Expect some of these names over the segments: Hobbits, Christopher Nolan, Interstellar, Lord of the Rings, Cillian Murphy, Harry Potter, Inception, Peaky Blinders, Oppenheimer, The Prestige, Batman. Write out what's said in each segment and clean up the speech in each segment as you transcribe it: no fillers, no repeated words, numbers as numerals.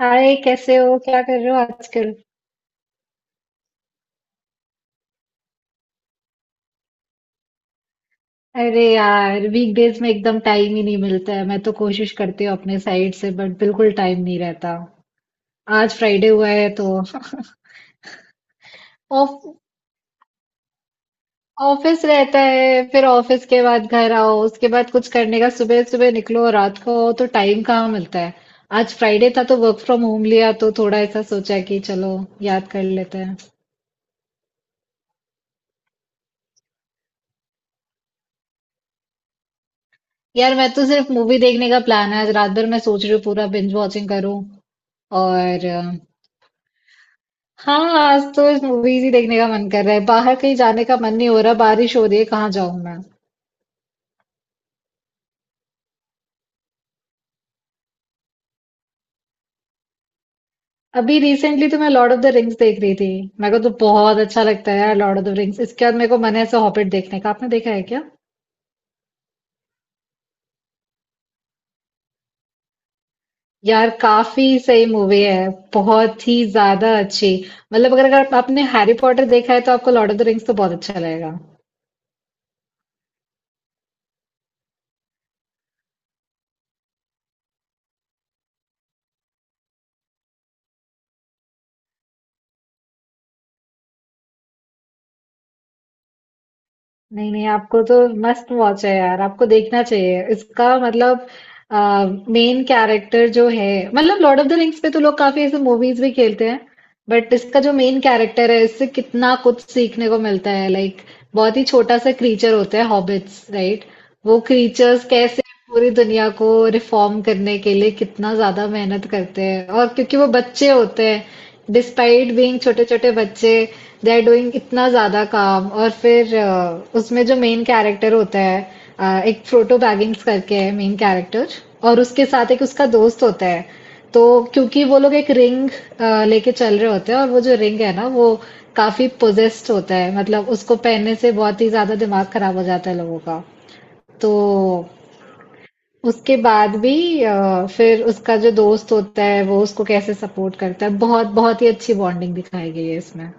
हाय, कैसे हो? क्या कर रहे हो आजकल? अरे यार, वीकडेज में एकदम टाइम ही नहीं मिलता है। मैं तो कोशिश करती हूँ अपने साइड से, बट बिल्कुल टाइम नहीं रहता। आज फ्राइडे हुआ है तो ऑफ ऑफिस रहता है। फिर ऑफिस के बाद घर आओ, उसके बाद कुछ करने का। सुबह सुबह निकलो, रात को आओ, तो टाइम कहाँ मिलता है। आज फ्राइडे था तो वर्क फ्रॉम होम लिया, तो थोड़ा ऐसा सोचा कि चलो याद कर लेते हैं। यार, मैं तो सिर्फ मूवी देखने का प्लान है आज। रात भर मैं सोच रही हूँ पूरा बिंज वॉचिंग करूँ। और हाँ, आज तो मूवीज ही देखने का मन कर रहा है, बाहर कहीं जाने का मन नहीं हो रहा। बारिश हो रही है, कहाँ जाऊं मैं। अभी रिसेंटली तो मैं लॉर्ड ऑफ द रिंग्स देख रही थी। मेरे को तो बहुत अच्छा लगता है यार लॉर्ड ऑफ द रिंग्स। इसके बाद मेरे को मन है ऐसे हॉबिट देखने का। आपने देखा है क्या? यार, काफी सही मूवी है, बहुत ही ज्यादा अच्छी। मतलब अगर अगर आपने हैरी पॉटर देखा है तो आपको लॉर्ड ऑफ द रिंग्स तो बहुत अच्छा लगेगा। नहीं नहीं, आपको तो मस्त वॉच है यार, आपको देखना चाहिए इसका। मतलब मेन कैरेक्टर जो है, मतलब लॉर्ड ऑफ द रिंग्स पे तो लोग काफी ऐसे मूवीज भी खेलते हैं, बट इसका जो मेन कैरेक्टर है, इससे कितना कुछ सीखने को मिलता है, लाइक बहुत ही छोटा सा क्रीचर होता है, हॉबिट्स राइट। वो क्रीचर्स कैसे पूरी दुनिया को रिफॉर्म करने के लिए कितना ज्यादा मेहनत करते हैं। और क्योंकि वो बच्चे होते हैं, डिस्पाइट बीइंग छोटे-छोटे बच्चे, दे आर डूइंग इतना ज़्यादा काम। और फिर उसमें जो मेन कैरेक्टर होता है, एक फ्रोटो बैगिंग्स करके है मेन कैरेक्टर, और उसके साथ एक उसका दोस्त होता है। तो क्योंकि वो लोग एक रिंग लेके चल रहे होते हैं, और वो जो रिंग है ना वो काफी पोजेस्ड होता है, मतलब उसको पहनने से बहुत ही ज्यादा दिमाग खराब हो जाता है लोगों का। तो उसके बाद भी फिर उसका जो दोस्त होता है वो उसको कैसे सपोर्ट करता है, बहुत बहुत ही अच्छी बॉन्डिंग दिखाई गई है इसमें।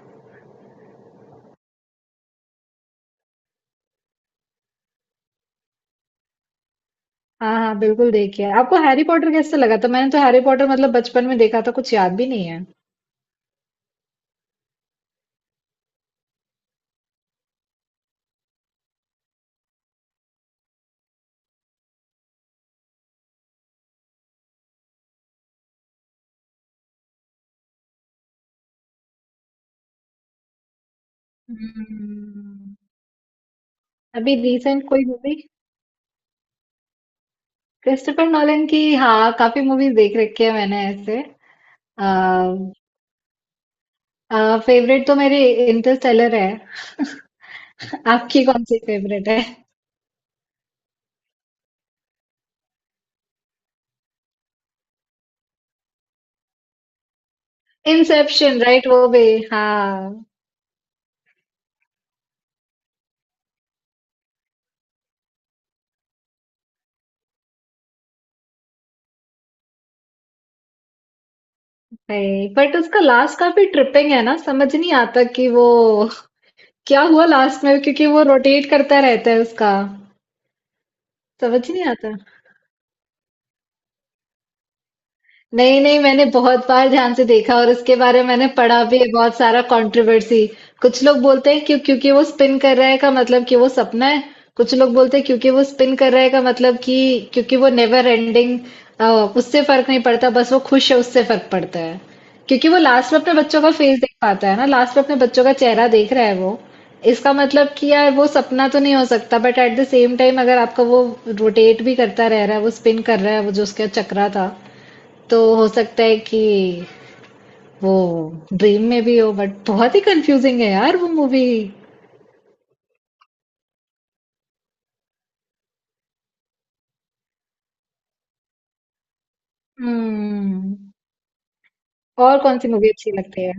हाँ हाँ, बिल्कुल देखिए। आपको हैरी पॉटर कैसे लगा था? मैंने तो हैरी पॉटर मतलब बचपन में देखा था, कुछ याद भी नहीं है। हम्म, अभी रिसेंट कोई मूवी क्रिस्टोफर नॉलन की, हाँ, काफी मूवीज देख रखी है मैंने ऐसे। आ, फेवरेट तो मेरे इंटरस्टेलर है। आपकी कौन सी फेवरेट है? इंसेप्शन राइट, वो भी हाँ। बट उसका लास्ट काफी ट्रिपिंग है ना, समझ नहीं आता कि वो क्या हुआ लास्ट में, क्योंकि वो रोटेट करता रहता है उसका, समझ नहीं आता। नहीं नहीं, मैंने बहुत बार ध्यान से देखा, और इसके बारे में मैंने पढ़ा भी है बहुत सारा कंट्रोवर्सी। कुछ लोग बोलते हैं क्यों, क्योंकि वो स्पिन कर रहा है का मतलब कि वो सपना है। कुछ लोग बोलते हैं क्योंकि वो स्पिन कर रहा है का मतलब कि क्योंकि वो नेवर एंडिंग। अ, उससे फर्क नहीं पड़ता, बस वो खुश है उससे फर्क पड़ता है। क्योंकि वो लास्ट में अपने बच्चों का फेस देख पाता है ना, लास्ट में अपने बच्चों का चेहरा देख रहा है वो। इसका मतलब कि यार वो सपना तो नहीं हो सकता, but at the same time, अगर आपका वो रोटेट भी करता रह रहा है, वो स्पिन कर रहा है, वो जो उसका चक्रा था, तो हो सकता है कि वो ड्रीम में भी हो। बट बहुत ही कंफ्यूजिंग है यार वो मूवी। हम्म। और कौन सी मूवी अच्छी लगती है?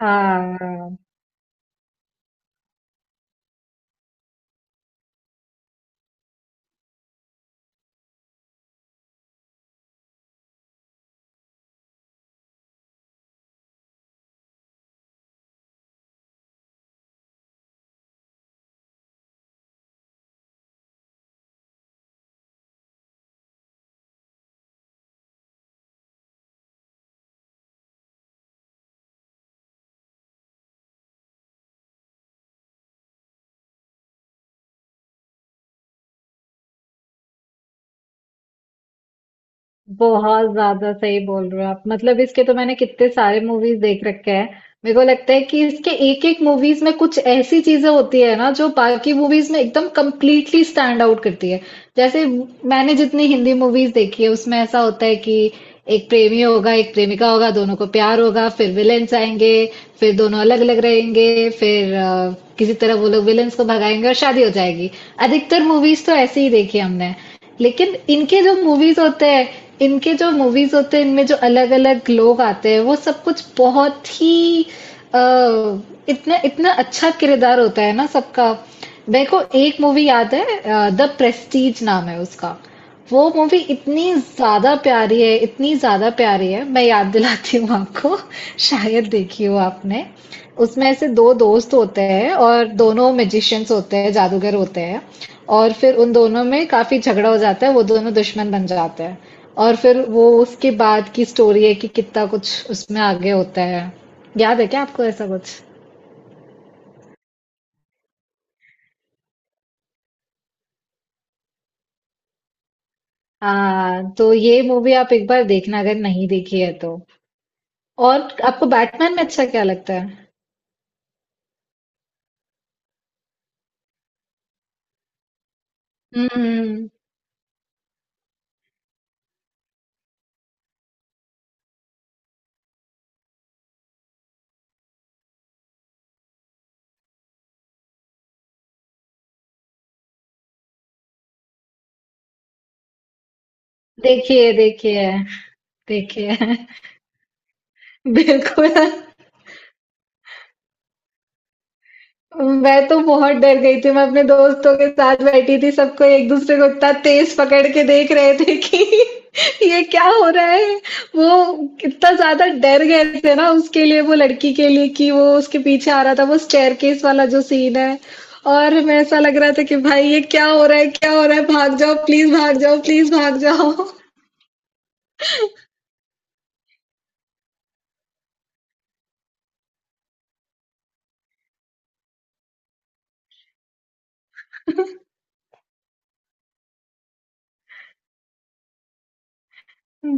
हाँ, बहुत ज़्यादा सही बोल रहे हो आप। मतलब इसके तो मैंने कितने सारे मूवीज़ देख रखे हैं। मेरे को लगता है कि इसके एक-एक मूवीज़ में कुछ ऐसी चीज़ें होती है ना जो बाकी मूवीज़ में एकदम कंप्लीटली स्टैंड आउट करती है। जैसे, मैंने जितनी हिंदी मूवीज़ देखी है उसमें ऐसा होता है कि एक प्रेमी होगा, एक प्रेमिका होगा, दोनों को प्यार होगा, फिर विलेन्स आएँगे, फिर दोनों अलग-अलग रहेंगे, फिर किसी तरह वो लोग विलेन्स को भगाएँगे और शादी हो जाएगी। अधिकतर मूवीज़ तो ऐसी ही देखी है हमने। लेकिन इनके जो मूवीज़ होते हैं इनके जो मूवीज होते हैं इनमें जो अलग अलग लोग आते हैं वो सब कुछ बहुत ही अ, इतना इतना अच्छा किरदार होता है ना सबका। मेरे को एक मूवी याद है, द प्रेस्टीज नाम है उसका। वो मूवी इतनी ज़्यादा प्यारी है, इतनी ज़्यादा प्यारी है, मैं याद दिलाती हूँ आपको, शायद देखी हो आपने। उसमें ऐसे 2 दोस्त होते हैं और दोनों मैजिशियन्स होते हैं, जादूगर होते हैं, और फिर उन दोनों में काफ़ी झगड़ा हो जाता है, वो दोनों दुश्मन बन जाते हैं। और फिर वो उसके बाद की स्टोरी है कि कितना कुछ उसमें आगे होता है। याद है क्या आपको ऐसा कुछ? हाँ, तो ये मूवी आप एक बार देखना अगर नहीं देखी है तो। और आपको बैटमैन में अच्छा क्या लगता है? हम्म। देखिए देखिए देखिए। बिल्कुल। मैं तो बहुत डर गई थी, मैं अपने दोस्तों के साथ बैठी थी, सबको एक दूसरे को इतना तेज पकड़ के देख रहे थे कि ये क्या हो रहा है। वो कितना ज्यादा डर गए थे ना उसके लिए, वो लड़की के लिए, कि वो उसके पीछे आ रहा था, वो स्टेयरकेस वाला जो सीन है, और मैं ऐसा लग रहा था कि भाई ये क्या हो रहा है, क्या हो रहा है, भाग जाओ प्लीज, भाग जाओ प्लीज, भाग जाओ।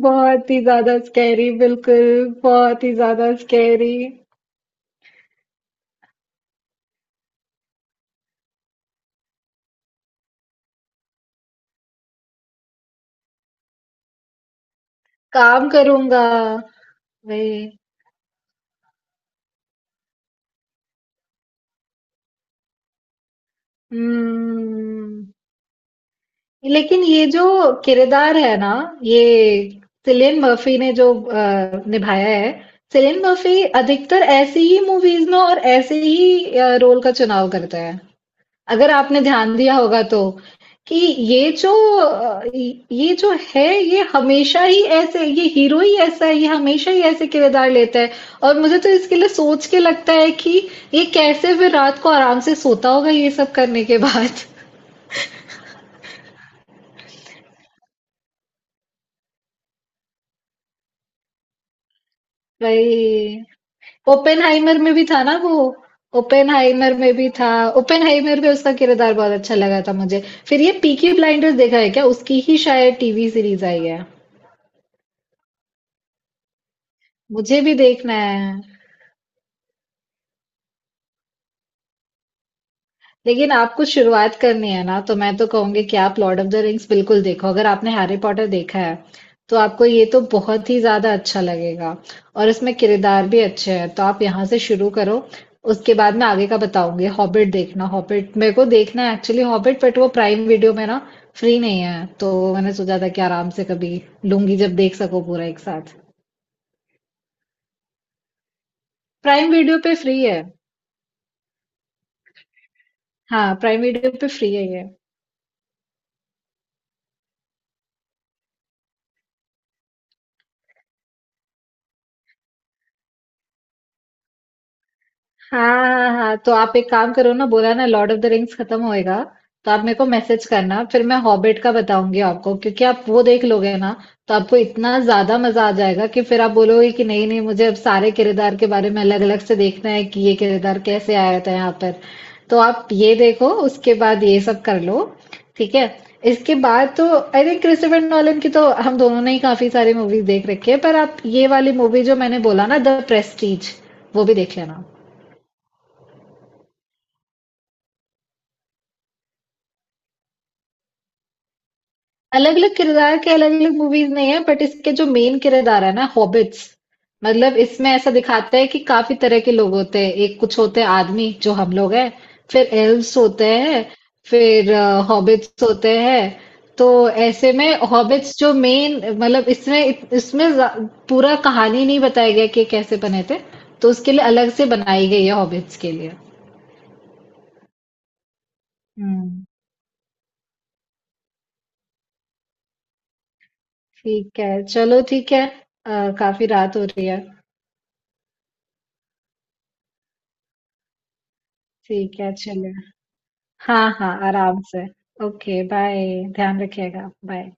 बहुत ही ज़्यादा स्कैरी, बिल्कुल, बहुत ही ज़्यादा स्कैरी। काम करूँगा, वही। हुँ, लेकिन ये जो किरदार है ना, ये सिलियन मर्फ़ी ने जो निभाया है, सिलियन मर्फ़ी अधिकतर ऐसी ही मूवीज़ में और ऐसे ही रोल का चुनाव करता है। अगर आपने ध्यान दिया होगा तो, कि ये जो अ, ये जो है, ये हमेशा ही ऐसे, ये हीरो ही ऐसा है, ये हमेशा ही ऐसे किरदार लेता है। और मुझे तो इसके लिए सोच के लगता है कि ये कैसे फिर रात को आराम से सोता होगा ये सब करने के बाद। भाई। ओपेनहाइमर में भी था ना वो ओपेनहाइमर में भी था। ओपेनहाइमर में उसका किरदार बहुत अच्छा लगा था मुझे। फिर ये पीकी ब्लाइंडर्स देखा है क्या? उसकी ही शायद टीवी सीरीज आई है। मुझे भी देखना है। लेकिन आपको शुरुआत करनी है ना, तो मैं तो कहूँगी कि आप लॉर्ड ऑफ द रिंग्स बिल्कुल देखो। अगर आपने हैरी पॉटर देखा है तो आपको ये तो बहुत ही ज्यादा अच्छा लगेगा, और इसमें किरदार भी अच्छे हैं, तो आप यहाँ से शुरू करो। उसके बाद मैं आगे का बताऊंगी, हॉबिट देखना। हॉबिट मेरे को देखना है एक्चुअली, हॉबिट, बट वो प्राइम वीडियो में ना फ्री नहीं है, तो मैंने सोचा था कि आराम से कभी लूंगी जब देख सको पूरा एक साथ। प्राइम वीडियो पे फ्री है। हाँ, प्राइम वीडियो पे फ्री है ये। हाँ हाँ हाँ हाँ। तो आप एक काम करो ना, बोला ना, लॉर्ड ऑफ द रिंग्स खत्म होएगा तो आप मेरे को मैसेज करना, फिर मैं हॉबिट का बताऊंगी आपको, क्योंकि आप वो देख लोगे ना, तो आपको इतना ज्यादा मजा आ जाएगा कि फिर आप बोलोगे कि नहीं नहीं, मुझे अब सारे किरदार के बारे में अलग अलग से देखना है, कि ये किरदार कैसे आया था यहाँ पर। तो आप ये देखो, उसके बाद ये सब कर लो, ठीक है? इसके बाद तो आई थिंक क्रिस्टोफर नॉलन की तो हम दोनों ने ही काफी सारी मूवीज देख रखी है, पर आप ये वाली मूवी जो मैंने बोला ना, द प्रेस्टीज, वो भी देख लेना। अलग अलग किरदार के अलग अलग मूवीज नहीं है, बट इसके जो मेन किरदार है ना, हॉबिट्स। मतलब इसमें ऐसा दिखाता है कि काफी तरह के लोग होते हैं, एक कुछ होते हैं आदमी जो हम लोग हैं, फिर एल्व्स होते हैं, फिर हॉबिट्स होते हैं। तो ऐसे में हॉबिट्स जो मेन, मतलब इसमें इसमें पूरा कहानी नहीं बताया गया कि कैसे बने थे, तो उसके लिए अलग से बनाई गई है हॉबिट्स के लिए। हम्म। ठीक है, चलो, ठीक है। काफी रात हो रही है। ठीक है, चलो। हाँ हाँ, आराम से। ओके बाय, ध्यान रखिएगा, बाय।